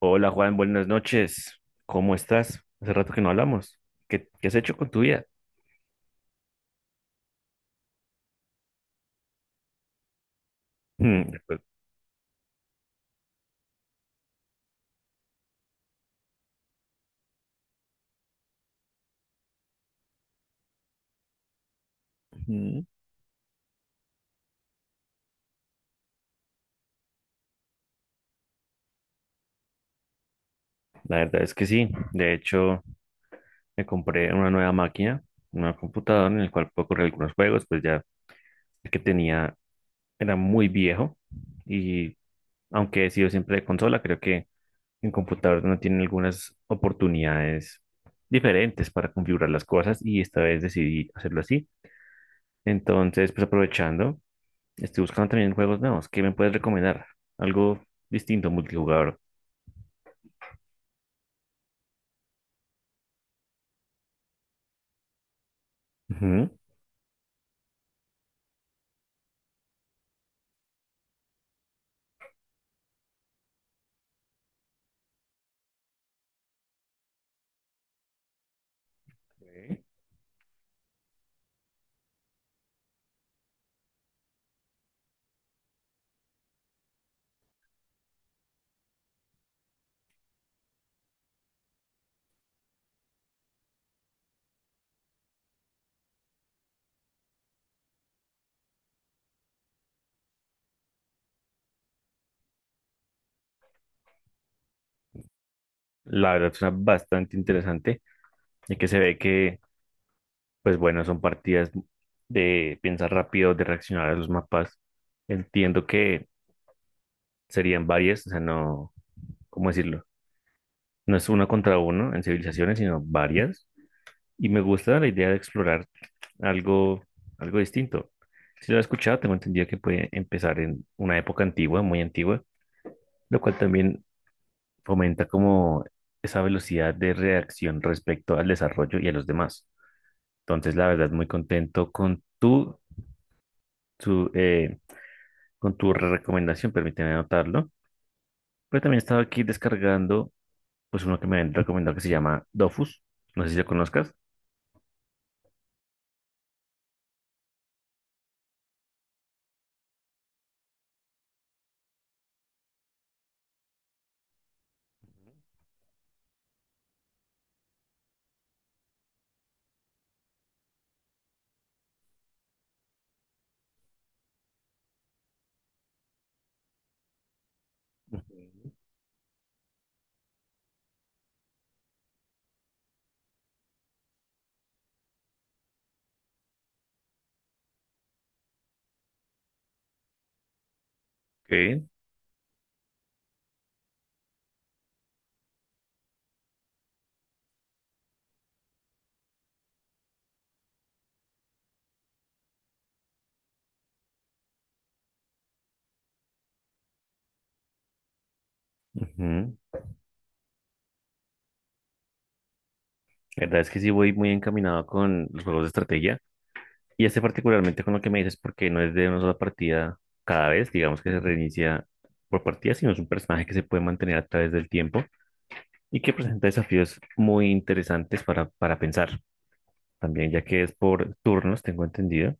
Hola Juan, buenas noches. ¿Cómo estás? Hace rato que no hablamos. ¿Qué has hecho con tu vida? Mm, pues, mm, La verdad es que sí. De hecho, me compré una nueva máquina, una computadora en la cual puedo correr algunos juegos, pues ya el que tenía era muy viejo y aunque he sido siempre de consola, creo que en computador no tienen algunas oportunidades diferentes para configurar las cosas y esta vez decidí hacerlo así. Entonces, pues aprovechando. Estoy buscando también juegos nuevos. ¿Qué me puedes recomendar? Algo distinto, multijugador. Ujú. Ok. La verdad suena bastante interesante, ya que se ve que, pues bueno, son partidas de pensar rápido, de reaccionar a los mapas. Entiendo que serían varias, o sea, no, ¿cómo decirlo? No es uno contra uno en civilizaciones, sino varias. Y me gusta la idea de explorar algo, algo distinto. Si lo he escuchado, tengo entendido que puede empezar en una época antigua, muy antigua, lo cual también fomenta como esa velocidad de reacción respecto al desarrollo y a los demás. Entonces, la verdad, muy contento con tu, eh, con tu recomendación, permíteme anotarlo. Pero también estaba aquí descargando, pues uno que me han recomendado que se llama Dofus. No sé si lo conozcas. Ujú. Ok. Ujú. La verdad es que sí voy muy encaminado con los juegos de estrategia. Y este particularmente con lo que me dices, porque no es de una sola partida cada vez, digamos que se reinicia por partida, sino es un personaje que se puede mantener a través del tiempo y que presenta desafíos muy interesantes para pensar también, ya que es por turnos, tengo entendido,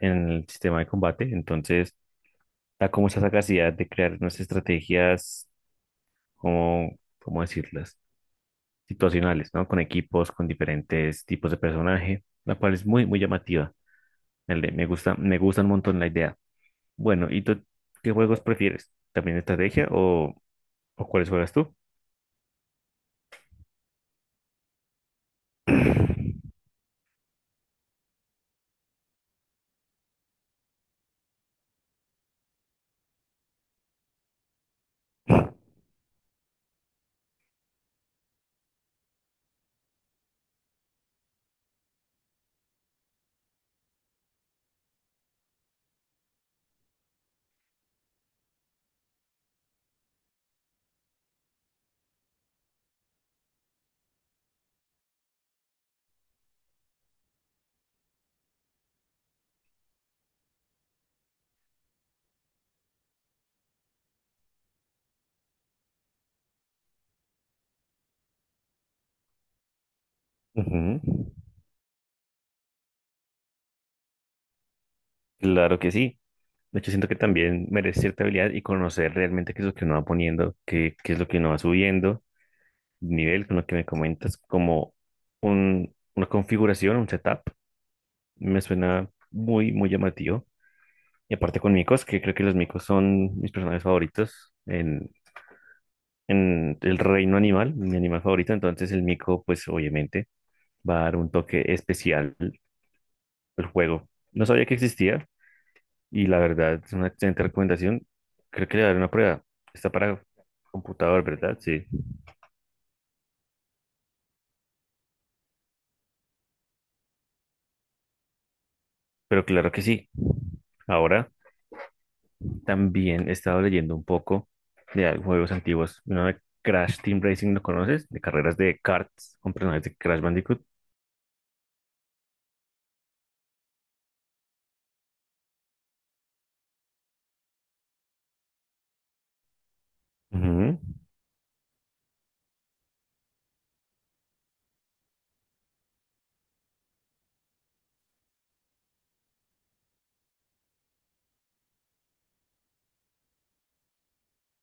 en el sistema de combate. Entonces, da como esa capacidad de crear unas estrategias, como, ¿cómo decirlas? Situacionales, ¿no? Con equipos, con diferentes tipos de personaje, la cual es muy, muy llamativa. Me gusta, me gusta un montón la idea. Bueno, ¿y tú qué juegos prefieres? ¿También estrategia o cuáles juegas tú? Ujú, claro que sí. De hecho, siento que también merece cierta habilidad y conocer realmente qué es lo que uno va poniendo, qué es lo que uno va subiendo, nivel con lo que me comentas, como un, una configuración, un setup, me suena muy, muy llamativo. Y aparte con micos, que creo que los micos son mis personajes favoritos en el reino animal, mi animal favorito, entonces el mico, pues obviamente va a dar un toque especial al juego. No sabía que existía y la verdad es una excelente recomendación. Creo que le daré una prueba. Está para computador, ¿verdad? Sí, pero claro que sí. Ahora también he estado leyendo un poco de al- juegos antiguos. Uno de Crash Team Racing, ¿lo conoces? De carreras de karts con personajes de Crash Bandicoot. Ujú,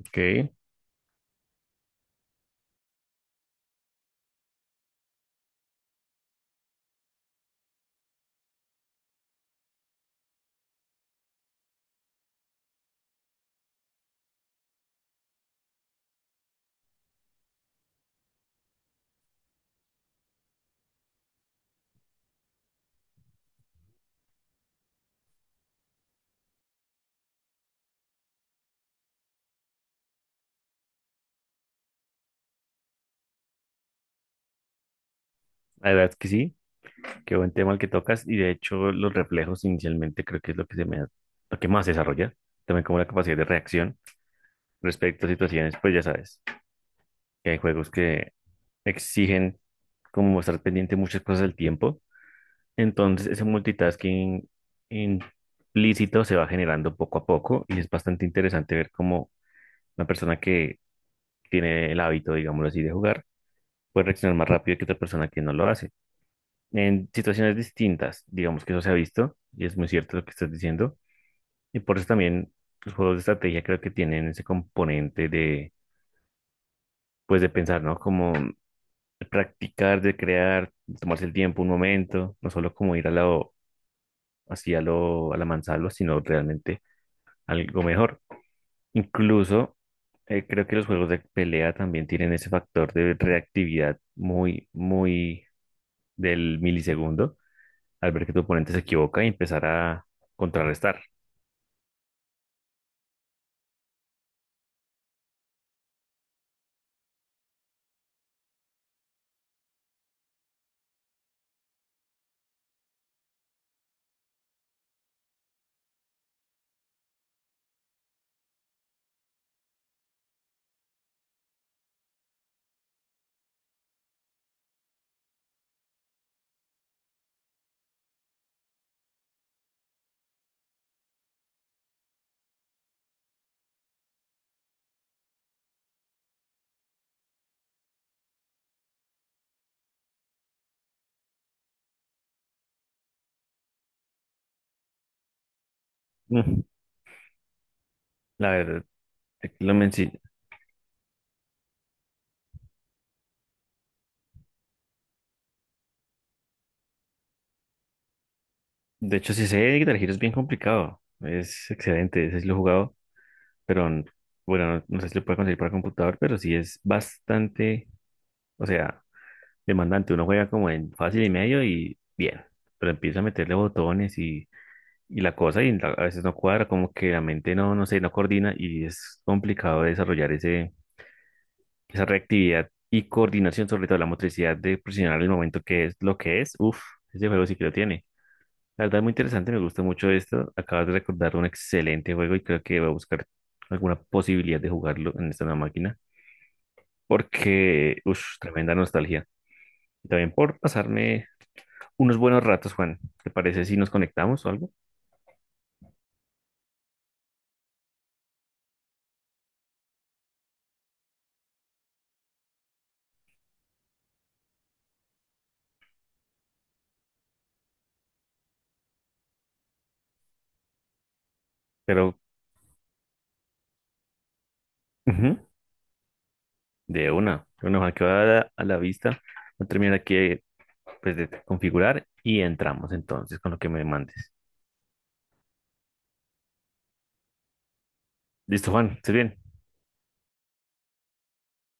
ok, la verdad es que sí, qué buen tema el que tocas y de hecho los reflejos inicialmente creo que es lo que se me da- lo que más se desarrolla, también como la capacidad de reacción respecto a situaciones, pues ya sabes, que hay juegos que exigen como estar pendiente de muchas cosas al tiempo. Entonces, ese multitasking implícito se va generando poco a poco y es bastante interesante ver cómo una persona que tiene el hábito, digámoslo así, de jugar, puede reaccionar más rápido que otra persona que no lo hace. En situaciones distintas, digamos que eso se ha visto y es muy cierto lo que estás diciendo. Y por eso también los juegos de estrategia creo que tienen ese componente de, pues, de pensar, ¿no? Como de practicar, de crear, de tomarse el tiempo un momento, no solo como ir a lo, así a lo, a la mansalva, sino realmente algo mejor. Incluso creo que los juegos de pelea también tienen ese factor de reactividad muy, muy del milisegundo, al ver que tu oponente se equivoca y empezar a contrarrestar. Mm, La verdad, lo menci- de hecho, si sé Guitar Hero es bien complicado. Es excelente, ese sí lo he jugado. Pero n- bueno, no, no sé si lo puede conseguir para computador, pero sí es bastante, o sea, demandante. Uno juega como en fácil y medio y bien, pero empieza a meterle botones y la cosa y la- a veces no cuadra, como que la mente no, no sé, no coordina y es complicado desarrollar ese, esa reactividad y coordinación, sobre todo la motricidad de presionar el momento que es lo que es. Uf, ese juego sí que lo tiene. La verdad, muy interesante, me gusta mucho esto. Acabas de recordar un excelente juego y creo que voy a buscar alguna posibilidad de jugarlo en esta nueva máquina, porque, uff, tremenda nostalgia. Y también por pasarme unos buenos ratos, Juan. ¿Te parece si nos conectamos o algo? Pero, ujú, de una, Juan, que va a la vista. Voy a terminar aquí, pues, de configurar y entramos entonces con lo que me mandes. Listo, Juan, ¿estás bien?